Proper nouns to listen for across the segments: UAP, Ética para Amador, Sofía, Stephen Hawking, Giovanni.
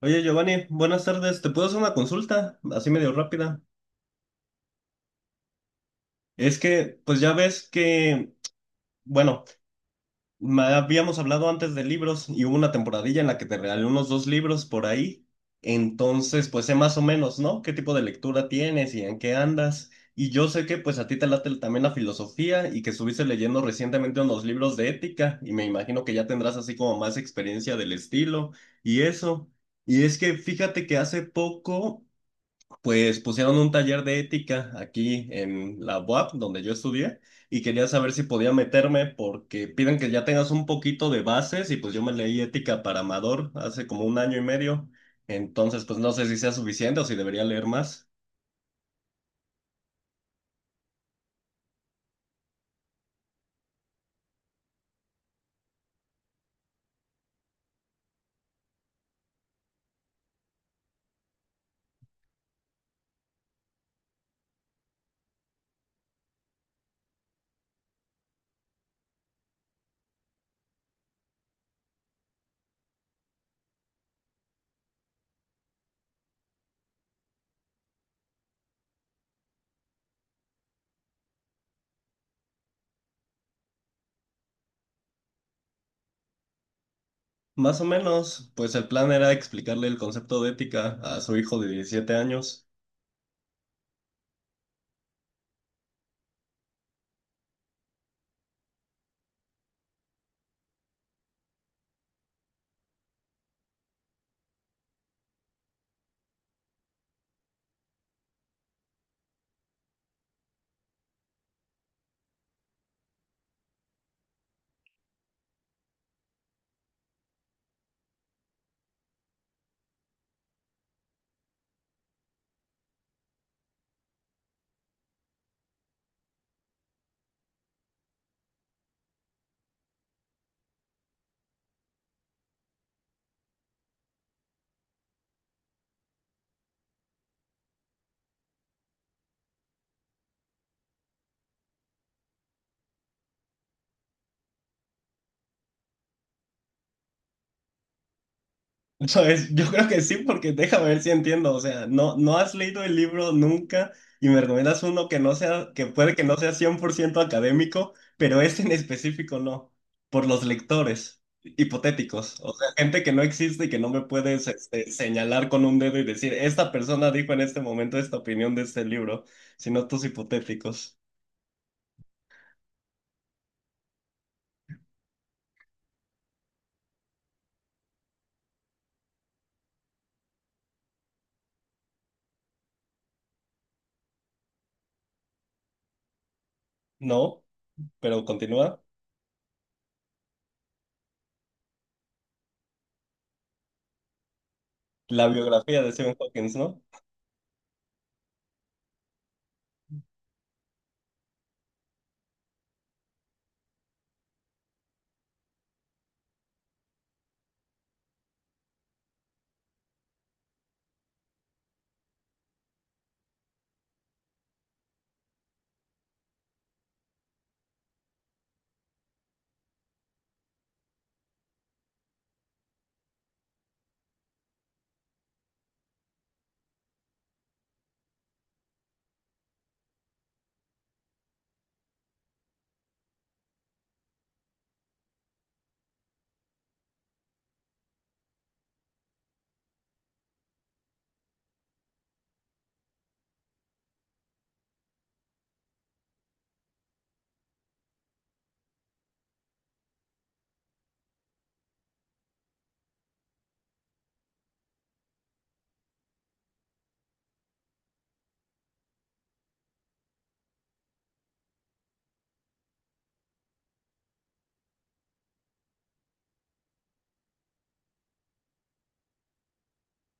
Oye, Giovanni, buenas tardes. ¿Te puedo hacer una consulta? Así medio rápida. Es que, pues ya ves que, bueno, me habíamos hablado antes de libros y hubo una temporadilla en la que te regalé unos dos libros por ahí. Entonces, pues sé más o menos, ¿no? ¿Qué tipo de lectura tienes y en qué andas? Y yo sé que, pues a ti te late también la filosofía y que estuviste leyendo recientemente unos libros de ética y me imagino que ya tendrás así como más experiencia del estilo y eso. Y es que fíjate que hace poco pues pusieron un taller de ética aquí en la UAP, donde yo estudié, y quería saber si podía meterme porque piden que ya tengas un poquito de bases y pues yo me leí ética para Amador hace como un año y medio, entonces pues no sé si sea suficiente o si debería leer más. Más o menos, pues el plan era explicarle el concepto de ética a su hijo de 17 años. Entonces, yo creo que sí, porque déjame ver si entiendo. O sea, no, no has leído el libro nunca y me recomiendas uno que no sea, que puede que no sea 100% académico, pero este en específico no, por los lectores hipotéticos. O sea, gente que no existe y que no me puedes este, señalar con un dedo y decir, esta persona dijo en este momento esta opinión de este libro, sino tus hipotéticos. No, pero continúa. La biografía de Stephen Hawking, ¿no?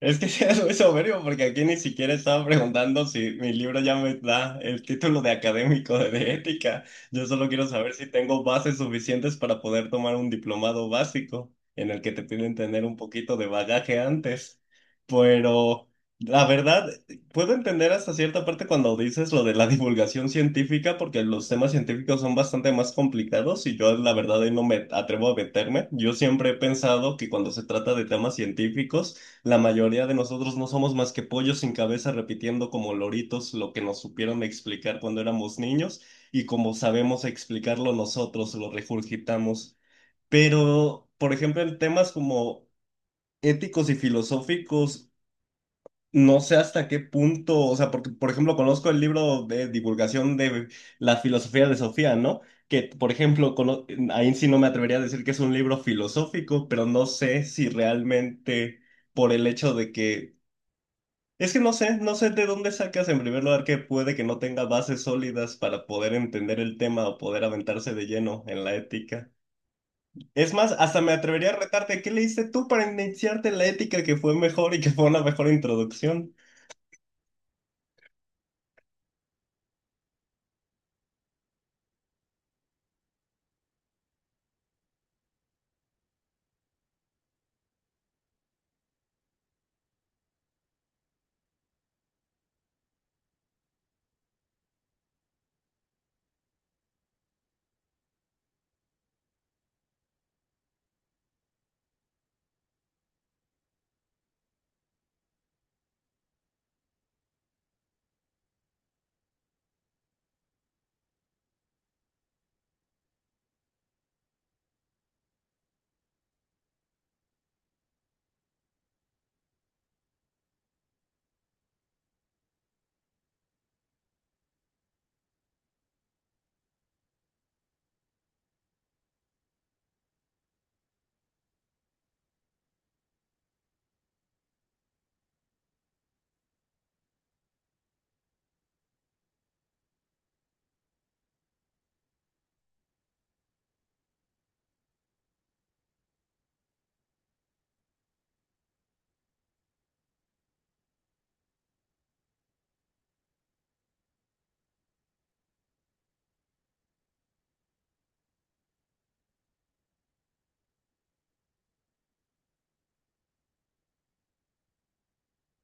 Es que sí es muy soberbio porque aquí ni siquiera estaba preguntando si mi libro ya me da el título de académico de ética. Yo solo quiero saber si tengo bases suficientes para poder tomar un diplomado básico en el que te piden tener un poquito de bagaje antes. Pero la verdad, puedo entender hasta cierta parte cuando dices lo de la divulgación científica porque los temas científicos son bastante más complicados y yo la verdad ahí no me atrevo a meterme. Yo siempre he pensado que cuando se trata de temas científicos, la mayoría de nosotros no somos más que pollos sin cabeza repitiendo como loritos lo que nos supieron explicar cuando éramos niños y como sabemos explicarlo nosotros, lo regurgitamos. Pero, por ejemplo, en temas como éticos y filosóficos, no sé hasta qué punto, o sea, porque, por ejemplo, conozco el libro de divulgación de la filosofía de Sofía, ¿no? Que, por ejemplo, ahí sí no me atrevería a decir que es un libro filosófico, pero no sé si realmente por el hecho de que es que no sé, no sé de dónde sacas en primer lugar que puede que no tenga bases sólidas para poder entender el tema o poder aventarse de lleno en la ética. Es más, hasta me atrevería a retarte, ¿qué leíste tú para iniciarte en la ética que fue mejor y que fue una mejor introducción?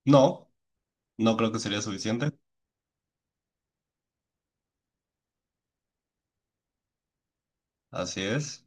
No, no creo que sería suficiente. Así es.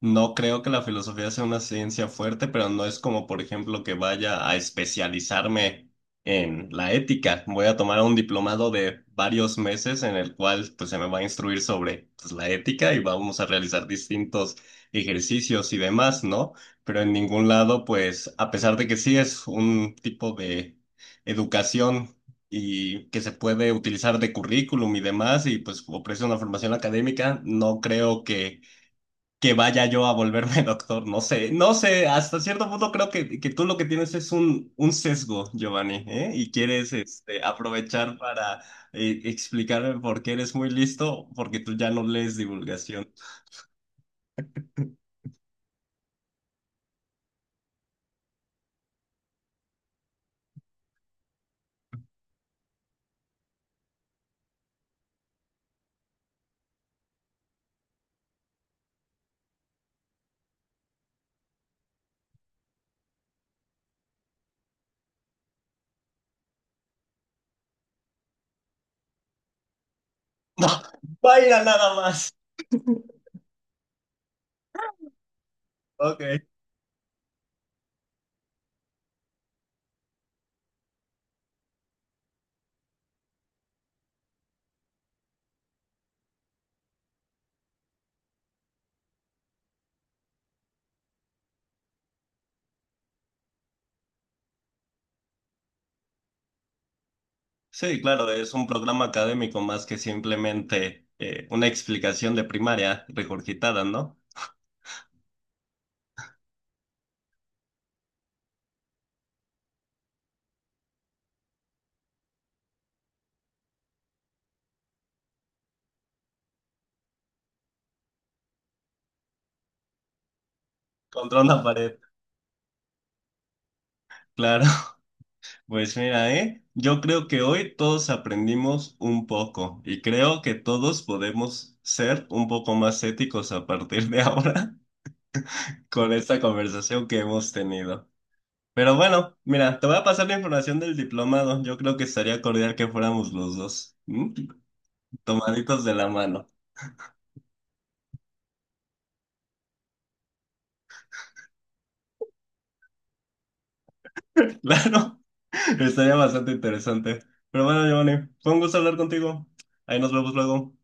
No creo que la filosofía sea una ciencia fuerte, pero no es como, por ejemplo, que vaya a especializarme en la ética. Voy a tomar un diplomado de varios meses en el cual pues, se me va a instruir sobre pues, la ética y vamos a realizar distintos ejercicios y demás, ¿no? Pero en ningún lado, pues, a pesar de que sí es un tipo de educación y que se puede utilizar de currículum y demás, y pues ofrece una formación académica, no creo que vaya yo a volverme doctor, no sé, no sé, hasta cierto punto creo que tú lo que tienes es un sesgo, Giovanni, ¿eh? Y quieres este, aprovechar para explicarme por qué eres muy listo, porque tú ya no lees divulgación. No, vaya nada más. Ok. Sí, claro, es un programa académico más que simplemente una explicación de primaria regurgitada, ¿no? Contra una pared, claro. Pues mira, ¿eh? Yo creo que hoy todos aprendimos un poco y creo que todos podemos ser un poco más éticos a partir de ahora con esta conversación que hemos tenido. Pero bueno, mira, te voy a pasar la información del diplomado. Yo creo que estaría cordial que fuéramos los dos, ¿m? Tomaditos de la mano. Claro, estaría bastante interesante. Pero bueno, Giovanni, fue un gusto hablar contigo. Ahí nos vemos luego.